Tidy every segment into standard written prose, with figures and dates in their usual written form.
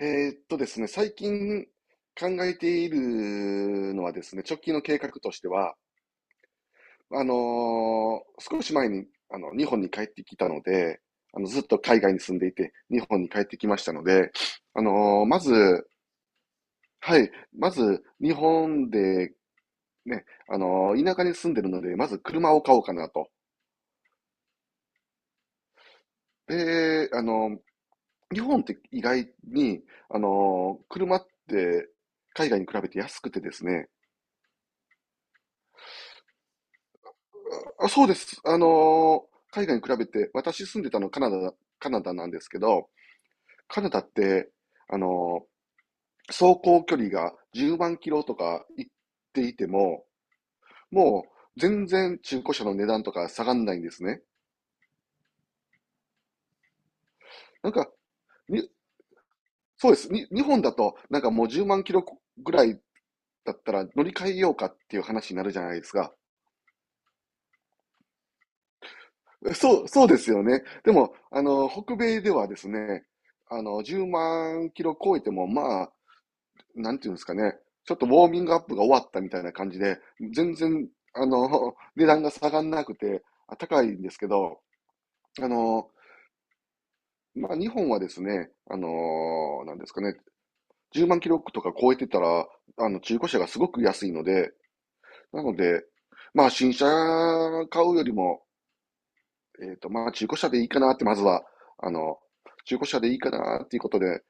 ですね、最近考えているのはですね、直近の計画としては、少し前にあの日本に帰ってきたので、あのずっと海外に住んでいて、日本に帰ってきましたので、まず、はい、まず日本でね、田舎に住んでるので、まず車を買おうかなと。で、日本って意外に、車って海外に比べて安くてですね、あ、そうです。海外に比べて、私住んでたのカナダ、カナダなんですけど、カナダって、あの走行距離が10万キロとか行っていても、もう全然中古車の値段とか下がんないんですね。なんか、に、そうです。日本だと、なんかもう10万キロぐらいだったら乗り換えようかっていう話になるじゃないですか。そうですよね。でも、あの、北米ではですね、あの、10万キロ超えても、まあ、なんていうんですかね、ちょっとウォーミングアップが終わったみたいな感じで、全然、あの、値段が下がんなくて、高いんですけど、あの、まあ、日本はですね、あの、なんですかね、10万キロとか超えてたら、あの、中古車がすごく安いので、なので、まあ、新車買うよりも、えっと、まあ、中古車でいいかなって、まずは、あの、中古車でいいかなっていうことで、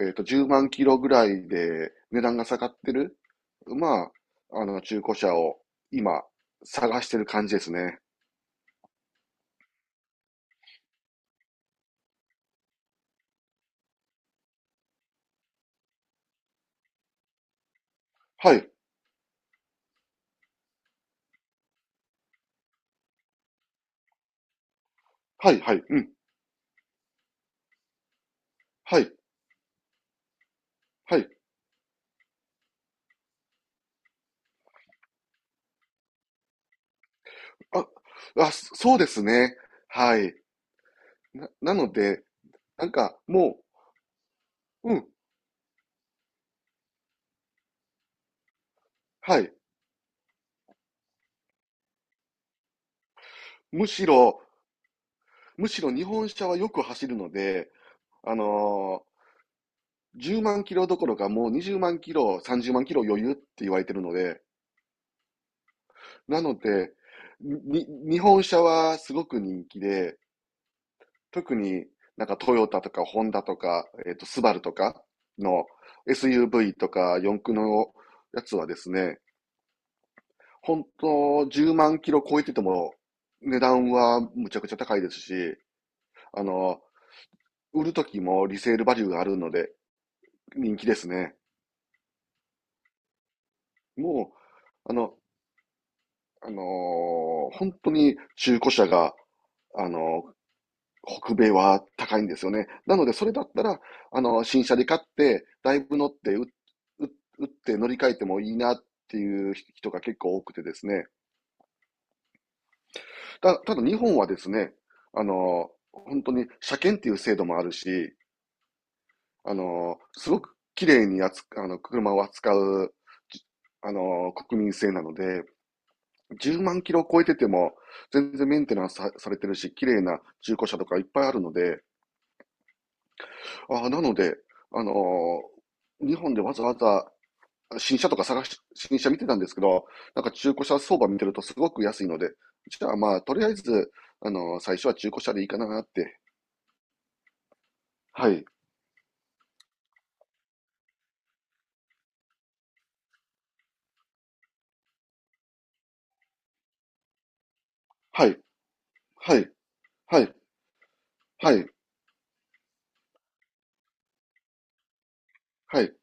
えっと、10万キロぐらいで値段が下がってる、まあ、あの、中古車を今、探してる感じですね。はい、はい、はい、うん、はい、はい。あ、あ、そうですね。はい。なので、なんかもう、うん、はい。むしろ、むしろ日本車はよく走るので、あのー10万キロどころかもう20万キロ、30万キロ余裕って言われてるので、なので、日本車はすごく人気で、特になんかトヨタとかホンダとか、えっと、スバルとかの SUV とか四駆のやつはですね、本当10万キロ超えてても値段はむちゃくちゃ高いですし、あの、売る時もリセールバリューがあるので人気ですね。もう、あの、あのー本当に中古車が、あのー北米は高いんですよね。なので、それだったら、あの、新車で買って、だいぶ乗って、打って乗り換えてもいいなっていう人が結構多くてですね。ただ日本はですね、あの、本当に車検っていう制度もあるし、あの、すごく綺麗にあの、車を扱う、じあの、国民性なので、10万キロ超えてても、全然メンテナンスされてるし、綺麗な中古車とかいっぱいあるので、ああ、なので、あのー日本でわざわざ新車とか探し、新車見てたんですけど、なんか中古車相場見てるとすごく安いので、じゃあまあ、とりあえず、最初は中古車でいいかなって。はい、はい、はい、はい、はい、はい。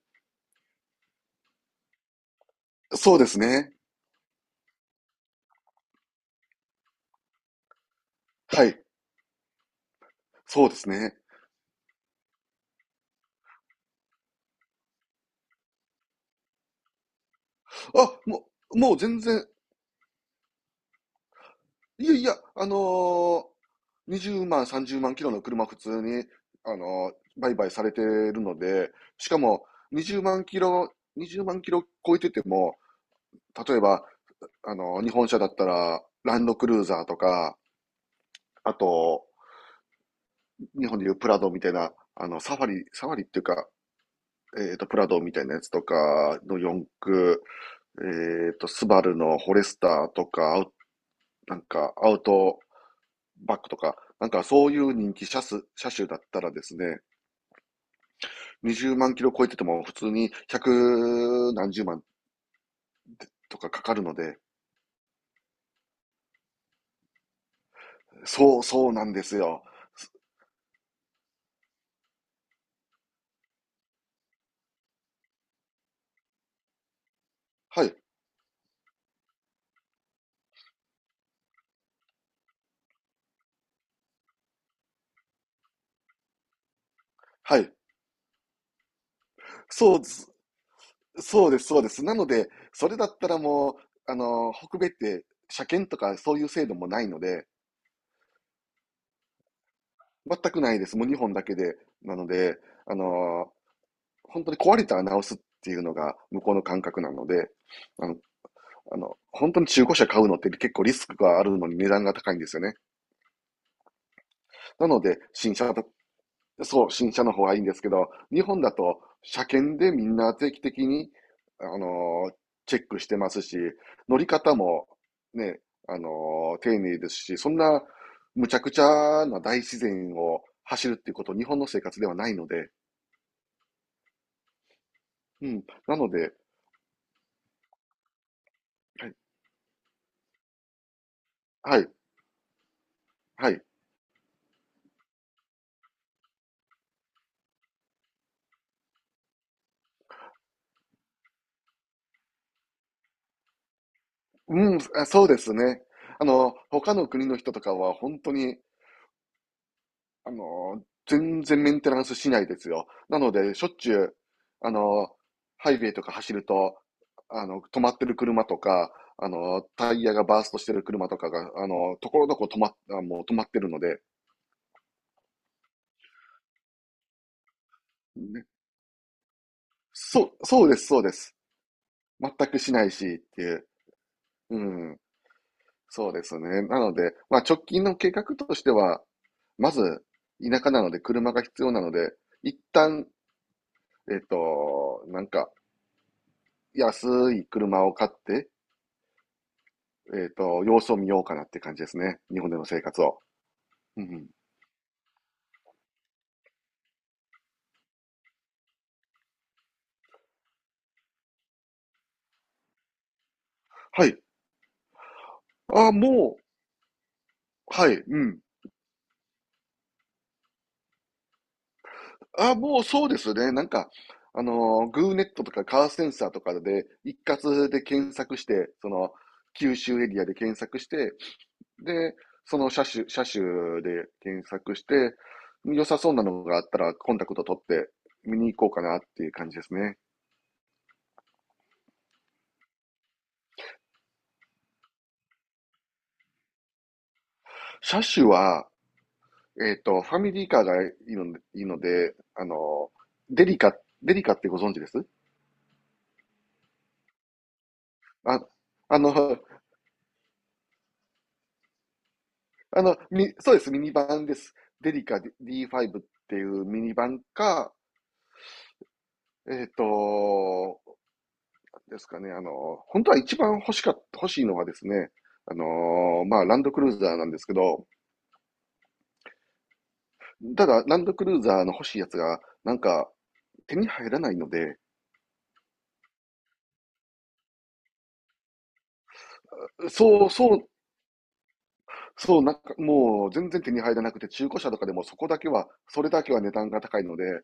そうですね。はい、そうですね。あ、もう、もう全然、いやいや、20万、30万キロの車普通に、あの売買されてるので、しかも20万キロ、20万キロ超えてても、例えば、日本車だったら、ランドクルーザーとか、あと、日本でいうプラドみたいな、あの、サファリ、サファリっていうか、えっと、プラドみたいなやつとかの四駆、えっと、スバルのフォレスターとか、アウなんか、アウトバックとか、なんかそういう人気車種、車種だったらですね、20万キロ超えてても普通に百何十万とかかかるので、そうなんですよ。はい、はい。そうです、そうです、そうです。なので、それだったらもう、あの、北米って車検とかそういう制度もないので、全くないです。もう2本だけで。なので、あの、本当に壊れたら直すっていうのが向こうの感覚なので、あの、あの、本当に中古車買うのって結構リスクがあるのに値段が高いんですよね。なので、新車だと、そう、新車の方がいいんですけど、日本だと車検でみんな定期的に、あのーチェックしてますし、乗り方もね、あの丁寧ですし、そんなむちゃくちゃな大自然を走るっていうこと、日本の生活ではないので、うん、なので、はい、はい、はい、うん、あそうですね。あの、他の国の人とかは本当にあの、全然メンテナンスしないですよ。なので、しょっちゅう、あの、ハイウェイとか走ると、あの、止まってる車とか、あの、タイヤがバーストしてる車とかが、あの、ところどころ止まっ、あもう止まってるので、ね、そう、そうです、そうです。全くしないしっていう。うん、そうですね。なので、まあ直近の計画としては、まず、田舎なので車が必要なので、一旦、えっと、なんか、安い車を買って、えっと、様子を見ようかなって感じですね。日本での生活を。うんうん。はい。ああ、もう、はい、うん。ああ、もうそうですね。なんか、あのグーネットとかカーセンサーとかで一括で検索して、その、九州エリアで検索して、で、その車種で検索して、良さそうなのがあったらコンタクト取って見に行こうかなっていう感じですね。車種は、えっと、ファミリーカーがいいので、いいので、あの、デリカ、デリカってご存知ですあ、あの、あの、そうです、ミニバンです。デリカ D5 っていうミニバンか、えっと、ですかね、あの、本当は一番欲しかっ、欲しいのはですね、あの、まあ、ランドクルーザーなんですけど、ただ、ランドクルーザーの欲しいやつが、なんか、手に入らないので、そう、そう、そう、なんかもう全然手に入らなくて、中古車とかでもそこだけは、それだけは値段が高いので、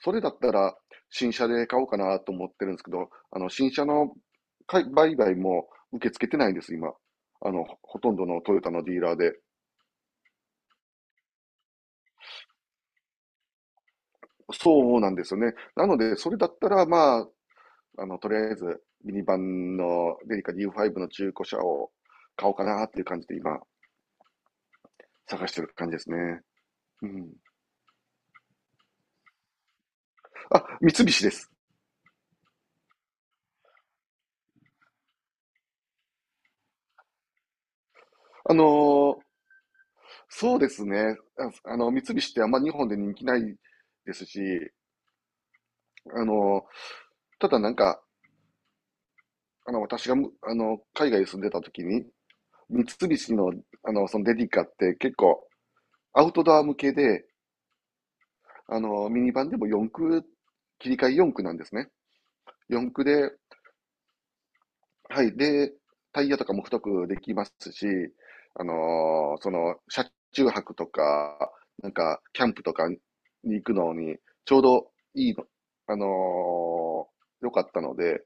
それだったら新車で買おうかなと思ってるんですけど、あの、新車の売買も受け付けてないんです、今。あの、ほとんどのトヨタのディーラーで。そうなんですよね。なので、それだったら、まあ、あの、とりあえず、ミニバンのデリカ D5 の中古車を買おうかなっていう感じで今、探してる感じですね。うん。あ、三菱です。あのーそうですね。あの、三菱ってあんま日本で人気ないですし、あの、ただなんか、あの、私がむ、あの、海外に住んでた時に、三菱の、あの、そのデリカって結構アウトドア向けで、あの、ミニバンでも四駆、切り替え四駆なんですね。四駆で、はい。で、タイヤとかも太くできますし、その、車中泊とか、なんか、キャンプとかに行くのに、ちょうどいいの、あのー良かったので、っ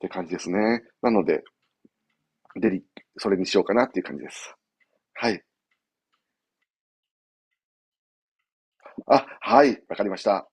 て感じですね。なので、デリ、それにしようかなっていう感じです。はい。あ、はい。わかりました。